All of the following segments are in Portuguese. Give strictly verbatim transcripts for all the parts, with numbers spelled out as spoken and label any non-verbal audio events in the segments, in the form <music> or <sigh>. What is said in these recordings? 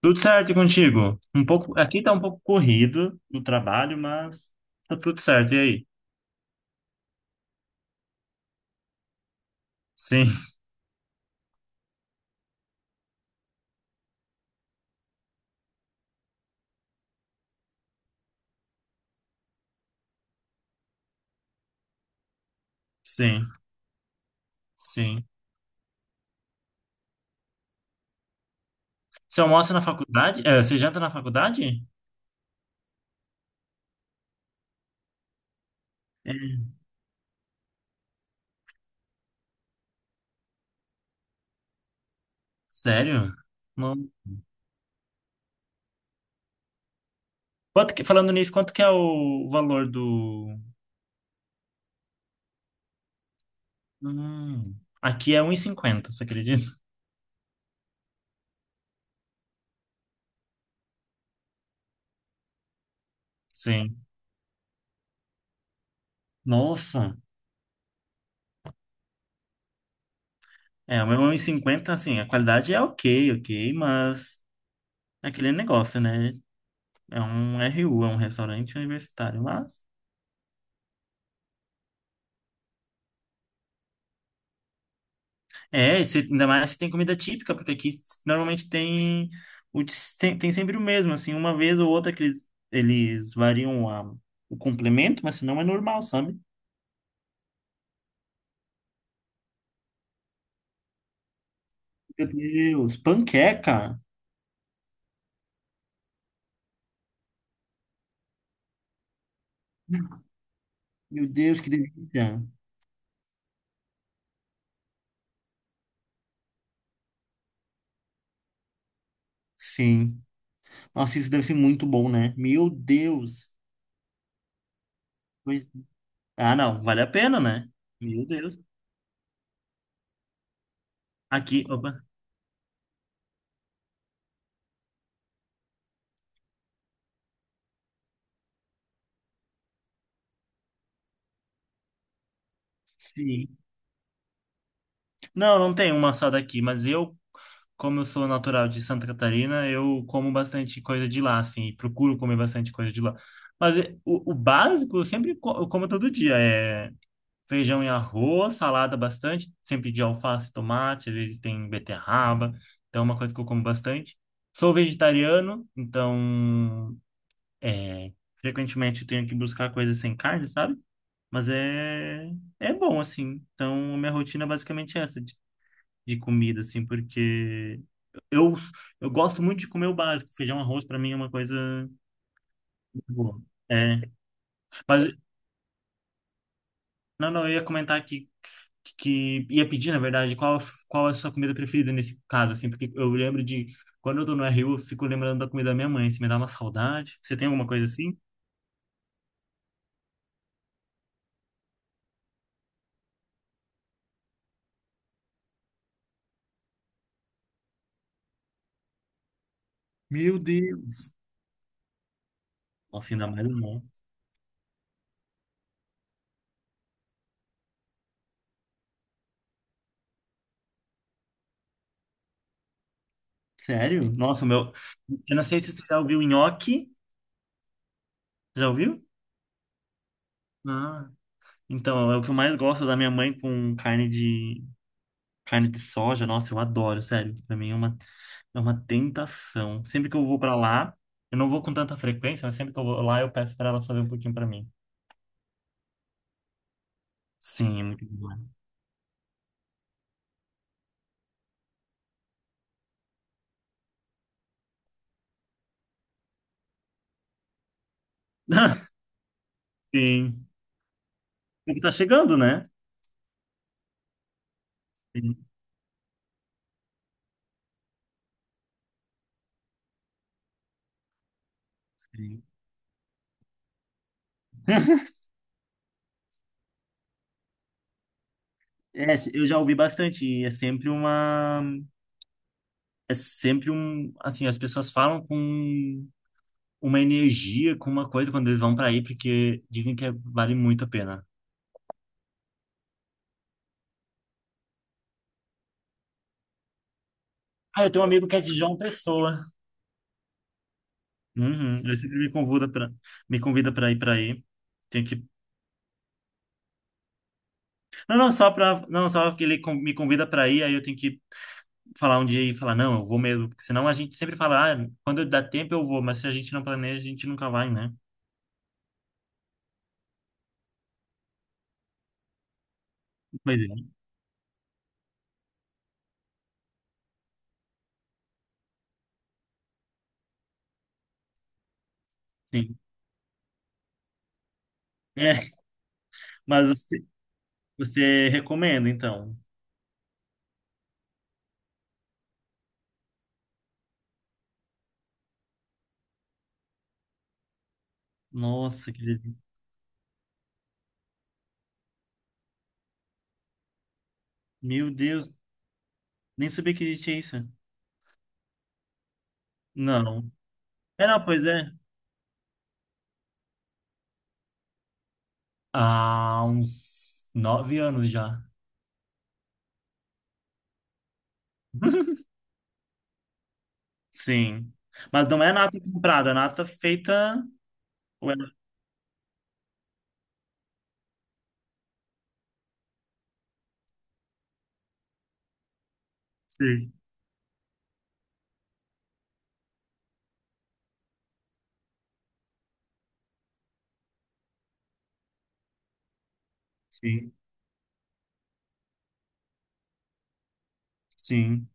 Tudo certo e contigo? Um pouco, aqui tá um pouco corrido no trabalho, mas tá tudo certo. E aí? Sim, sim, sim. Você almoça na faculdade? É, você janta na faculdade? É, sério? Não. Quanto que- falando nisso, quanto que é o valor do... Hum, Aqui é um e cinquenta, você acredita? Sim. Nossa. É, o meu um e cinquenta, assim, a qualidade é ok, ok, mas é aquele negócio, né? É um R U, é um restaurante universitário, mas... É, se- ainda mais se tem comida típica, porque aqui normalmente tem, o de- tem, tem sempre o mesmo, assim, uma vez ou outra que eles, eles variam a- o complemento, mas senão é normal, sabe? Meu Deus, panqueca! Meu Deus, que delícia! Sim. Nossa, isso deve ser muito bom, né? Meu Deus! Pois- Ah, não, vale a pena, né? Meu Deus. Aqui, opa. Sim. Não, não tem uma só daqui, mas eu, como eu sou natural de Santa Catarina, eu como bastante coisa de lá, assim, e procuro comer bastante coisa de lá. Mas eh, o, o básico eu sempre co- eu como todo dia, é feijão e arroz, salada bastante, sempre de alface, tomate, às vezes tem beterraba, então é uma coisa que eu como bastante. Sou vegetariano, então é, frequentemente eu tenho que buscar coisas sem carne, sabe? Mas é, é bom, assim. Então, a minha rotina é basicamente essa de comida, assim, porque eu, eu gosto muito de comer o básico. Feijão, arroz, para mim é uma coisa muito boa. É, mas, não, não, eu ia comentar que, que ia pedir, na verdade, qual, qual é a sua comida preferida nesse caso, assim, porque eu lembro de, quando eu tô no R U, eu fico lembrando da comida da minha mãe, se me dá uma saudade. Você tem alguma coisa assim? Meu Deus! Nossa, ainda mais não. Sério? Nossa, o meu... Eu não sei se você já ouviu nhoque. Já ouviu? Ah, então, é o que eu mais gosto da minha mãe com carne de Carne de soja, nossa, eu adoro, sério. Pra mim é uma, é uma tentação. Sempre que eu vou pra lá, eu não vou com tanta frequência, mas sempre que eu vou lá, eu peço pra ela fazer um pouquinho pra mim. Sim, é muito bom. <laughs> Sim. Porque tá chegando, né? Sim, sim. É, eu já ouvi bastante. E É sempre uma. É sempre um. Assim, as pessoas falam com uma energia, com uma coisa quando eles vão pra aí, porque dizem que é, vale muito a pena. Ah, eu tenho um amigo que é de João Pessoa. Uhum. Ele sempre me convida para me convida para ir para aí. Tem que Não, não só para não só que ele con- me convida para ir, aí eu tenho que falar um dia e falar não, eu vou mesmo, porque senão a gente sempre fala, ah, quando dá tempo eu vou, mas se a gente não planeja, a gente nunca vai, né? Pois é. Sim. É, mas você, você recomenda então. Nossa, que delícia. Meu Deus, nem sabia que existia isso. Não. É, não, pois é. Há uns nove anos já. <laughs> Sim. Mas não é nata comprada, é nata feita. Ué, sim, sim, sim.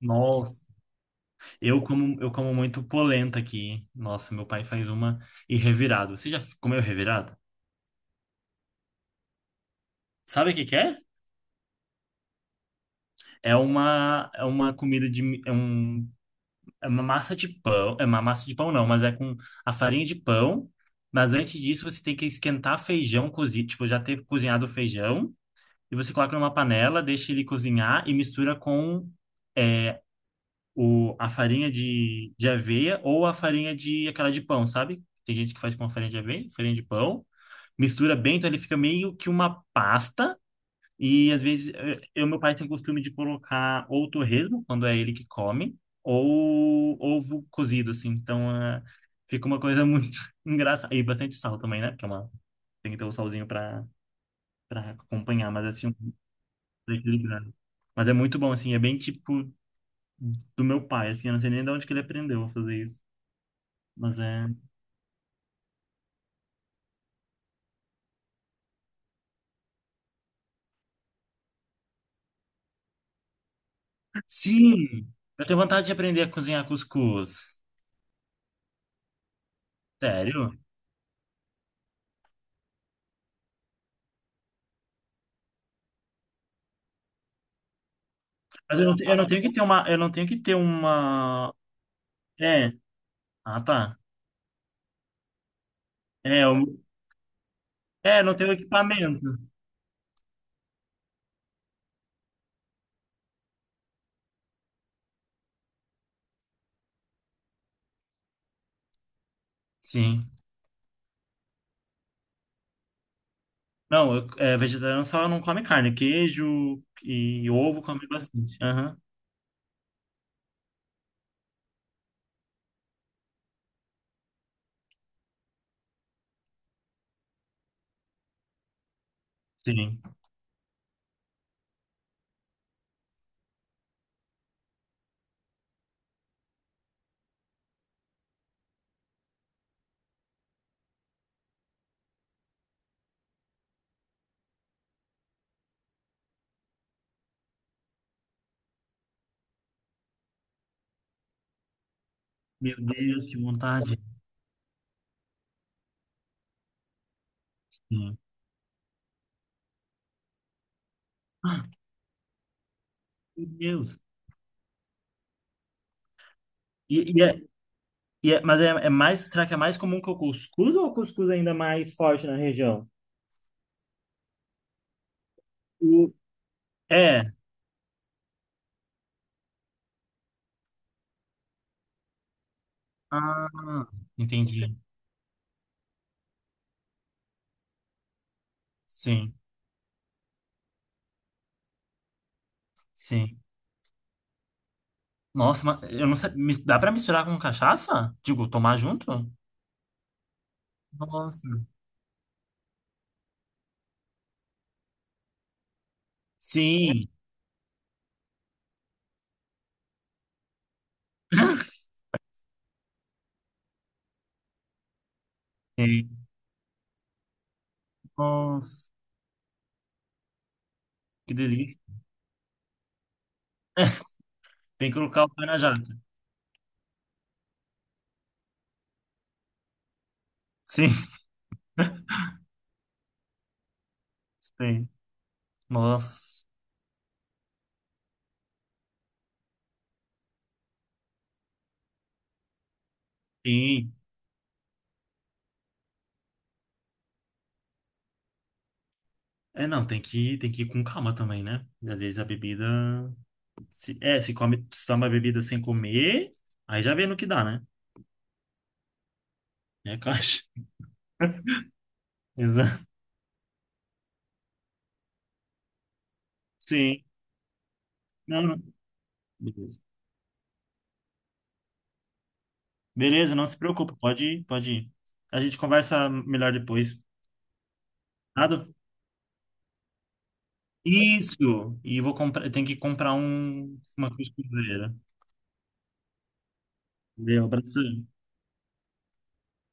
Nossa. Eu como, eu como muito polenta aqui. Nossa, meu pai faz uma e revirado. Você já comeu revirado? Sabe o que que é? É uma, é uma comida de. Mi- É, um, é uma massa de pão. É uma massa de pão, não, mas é com a farinha de pão. Mas antes disso, você tem que esquentar feijão cozido. Tipo, já ter cozinhado o feijão. E você coloca numa panela, deixa ele cozinhar e mistura com. é, o, a farinha de, de aveia ou a farinha de aquela de pão, sabe? Tem gente que faz com a farinha de aveia, farinha de pão, mistura bem, então ele fica meio que uma pasta. E às vezes eh, eu, meu pai tem o costume de colocar ou torresmo, quando é ele que come, ou ovo cozido, assim. Então ah, fica uma coisa muito <laughs> engraçada. E bastante sal também, né? Porque é uma, tem que ter o salzinho pra, pra acompanhar, mas assim, um equilibrado. Mas é muito bom, assim, é bem tipo do meu pai, assim, eu não sei nem de onde que ele aprendeu a fazer isso. Mas é. Sim! Eu tenho vontade de aprender a cozinhar cuscuz. Sério? Mas eu não, te- eu não tenho que ter uma. Eu não tenho que ter uma. É. Ah, tá. É, eu, é, não tenho equipamento. Sim. Não, eu, é, vegetariano só não come carne. Queijo e ovo come bastante. Aham. Sim. Meu Deus, que vontade. Sim. Ah, Meu Deus. E, e é, e é- mas é, é mais. Será que é mais comum que o cuscuz ou o cuscuz é ainda mais forte na região? O, É. Ah, entendi. Sim, sim. Nossa, mas eu não sei. mis- Dá pra misturar com cachaça? Digo, tomar junto? Nossa. Sim. Sim. Nossa, que delícia. <laughs> Tem que colocar o pé na jaca. Sim, sim. Nossa. Sim. É, não, tem que, tem que ir com calma também, né? Às vezes a bebida. Se, é, se come, se toma a bebida sem comer, aí já vê no que dá, né? É caixa. <laughs> Exato. Sim. Não, não. Beleza, não se preocupe, pode ir, pode ir. A gente conversa melhor depois. Nada? Isso! E vou comprar, eu tenho que comprar um, uma costura. Valeu, abração.